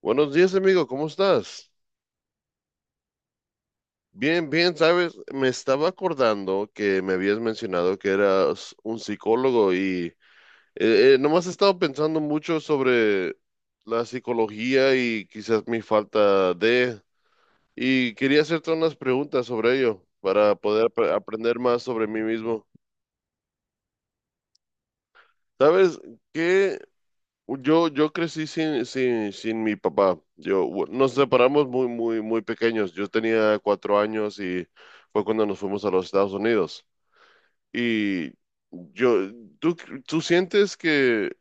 Buenos días, amigo, ¿cómo estás? Bien, bien, sabes, me estaba acordando que me habías mencionado que eras un psicólogo y nomás he estado pensando mucho sobre la psicología y quizás mi falta de. Y quería hacerte unas preguntas sobre ello para poder aprender más sobre mí mismo. ¿Sabes qué? Yo crecí sin mi papá. Nos separamos muy, muy, muy pequeños. Yo tenía 4 años y fue cuando nos fuimos a los Estados Unidos. Y yo, ¿tú, tú sientes que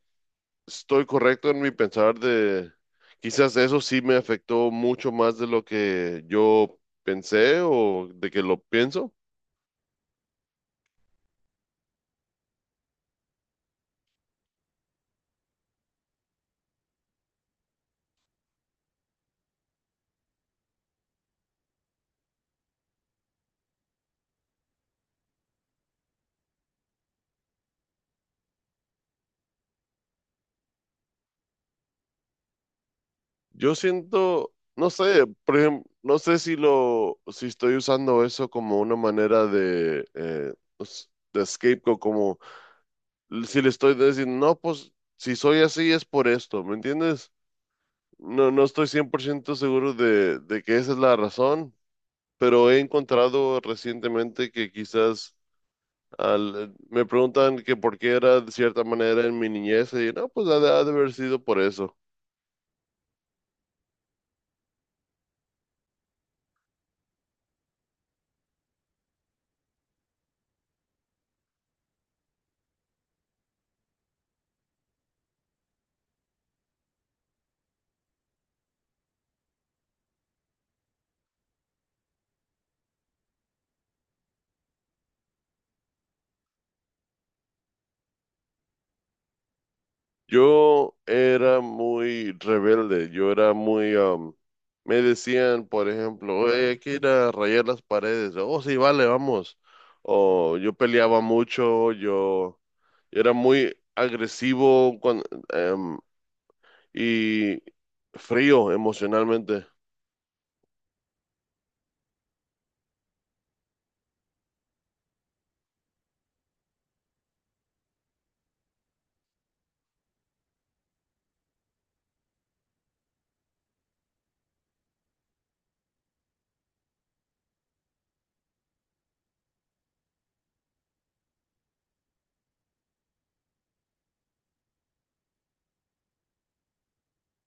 estoy correcto en mi pensar de quizás eso sí me afectó mucho más de lo que yo pensé o de que lo pienso? Yo siento, no sé, por ejemplo, no sé si lo, si estoy usando eso como una manera de, pues, de scapegoat, como si le estoy diciendo, no, pues si soy así es por esto, ¿me entiendes? No, no estoy 100% seguro de que esa es la razón, pero he encontrado recientemente que quizás me preguntan que por qué era de cierta manera en mi niñez, y no, pues ha de haber sido por eso. Yo era muy rebelde, yo era muy, me decían, por ejemplo, "Oye, hay que ir a rayar las paredes. Oh, sí, vale, vamos." O yo peleaba mucho, yo era muy agresivo em, y frío emocionalmente.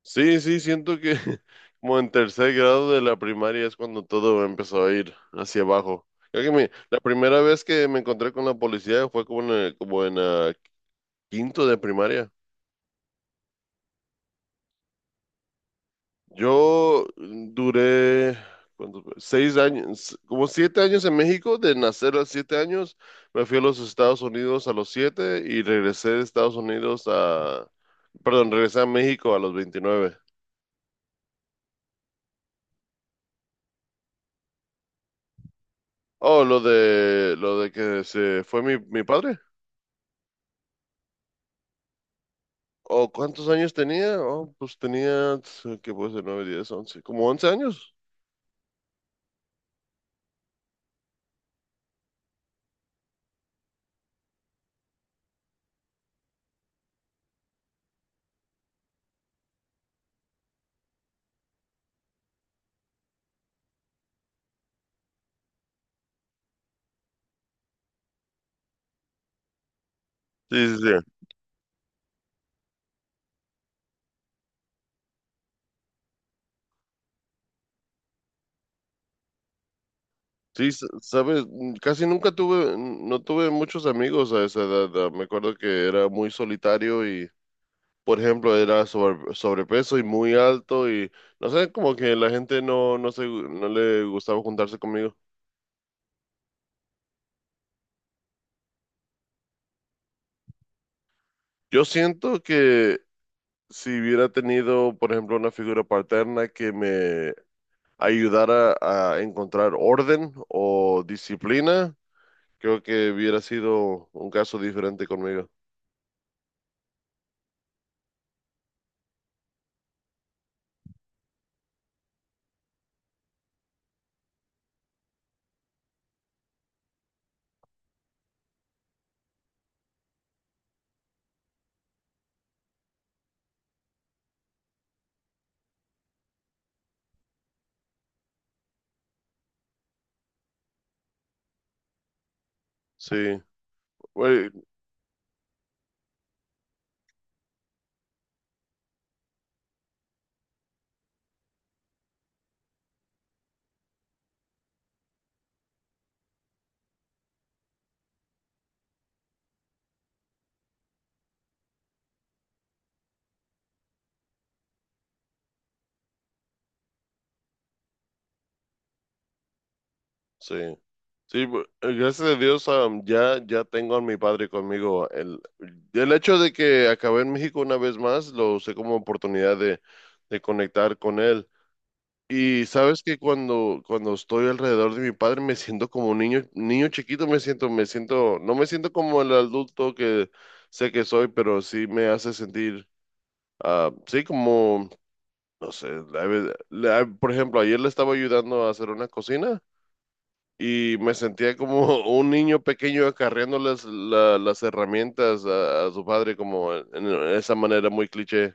Sí, sí, siento que como en tercer grado de la primaria es cuando todo empezó a ir hacia abajo. Creo que la primera vez que me encontré con la policía fue como en quinto de primaria. Yo duré ¿cuánto fue? 6 años, como 7 años en México, de nacer a los 7 años, me fui a los Estados Unidos a los 7 y regresé de Estados Unidos a, perdón, regresé a México a los 29. Oh, lo de que se fue mi padre. ¿O cuántos años tenía? Oh, pues tenía, ¿qué puede ser? 9, 10, 11, como 11 años. Sí, sí, sí. Sí, sabes, casi nunca tuve, no tuve muchos amigos a esa edad. Me acuerdo que era muy solitario y, por ejemplo, era sobrepeso y muy alto y, no sé, como que la gente no le gustaba juntarse conmigo. Yo siento que si hubiera tenido, por ejemplo, una figura paterna que me ayudara a encontrar orden o disciplina, creo que hubiera sido un caso diferente conmigo. Sí. Güey. Sí, sí, gracias a Dios, ya, ya tengo a mi padre conmigo. El hecho de que acabé en México una vez más lo usé como oportunidad de conectar con él. Y sabes que cuando estoy alrededor de mi padre me siento como un niño, niño chiquito, no me siento como el adulto que sé que soy, pero sí me hace sentir, sí, como, no sé, por ejemplo, ayer le estaba ayudando a hacer una cocina y me sentía como un niño pequeño acarreando las herramientas a su padre, como en esa manera muy cliché.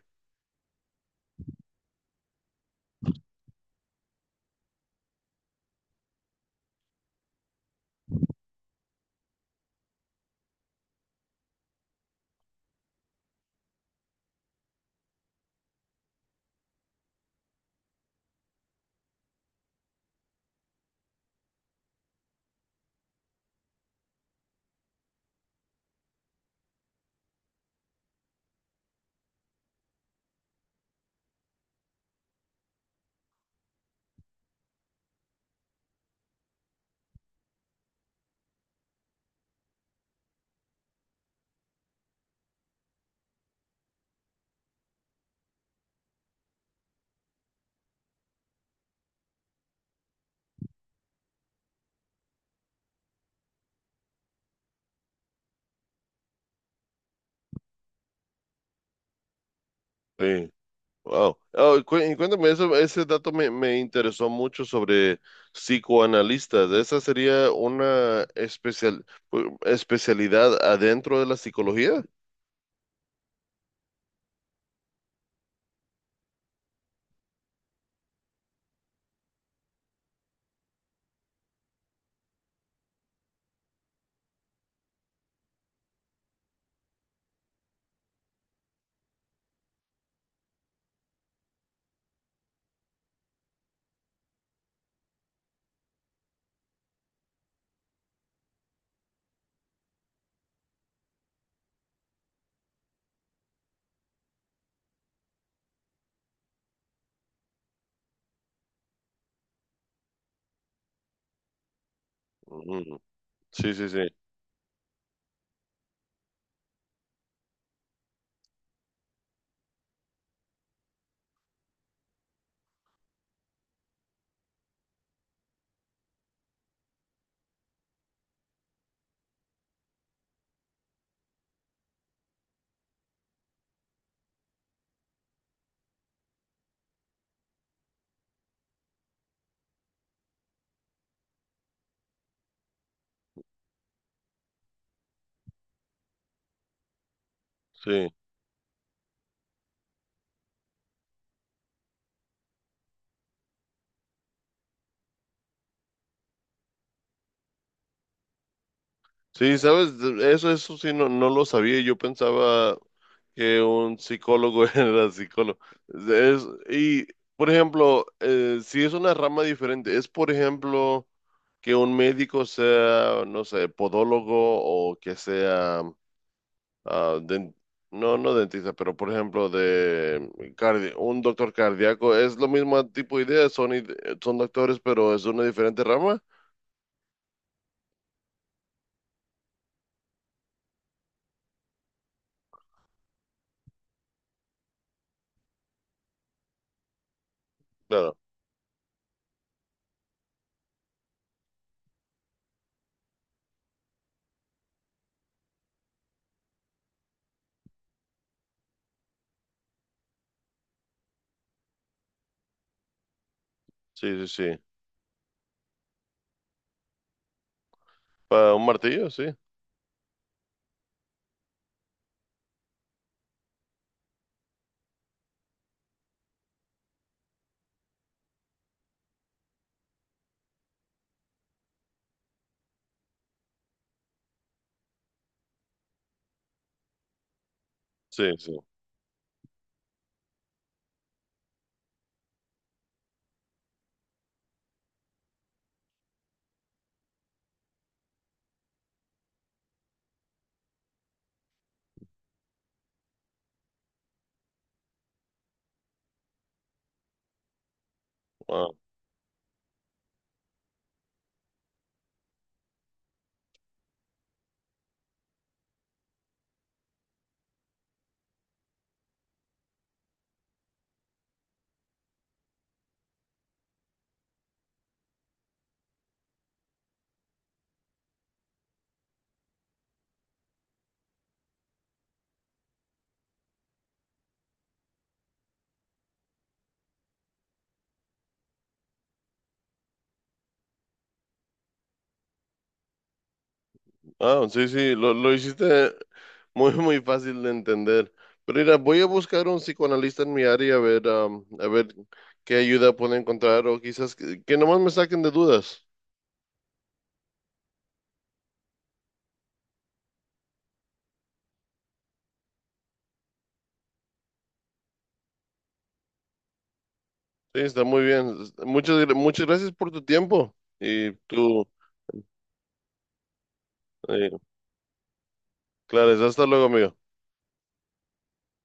Sí. Wow. Oh, y cuéntame, ese dato me interesó mucho sobre psicoanalistas. ¿Esa sería una especialidad adentro de la psicología? Mm. Sí, sí, sí, sí. Sí, sabes, eso, eso sí, no, no lo sabía. Yo pensaba que un psicólogo era psicólogo. Es, y, por ejemplo, si es una rama diferente, es, por ejemplo, que un médico sea, no sé, podólogo o que sea, ah, den- no, no dentista, pero, por ejemplo, de un doctor cardíaco, es lo mismo tipo de idea, son doctores, pero es una diferente rama. Claro, sí, sí, sí. Para un martillo, sí, sí, sí. Ah. Ah, sí, sí, lo hiciste muy, muy fácil de entender. Pero mira, voy a buscar un psicoanalista en mi área a ver, a ver qué ayuda puedo encontrar o quizás que nomás me saquen de dudas. Sí, está muy bien. Muchas, muchas gracias por tu tiempo y tú, eh, claro, hasta luego, amigo.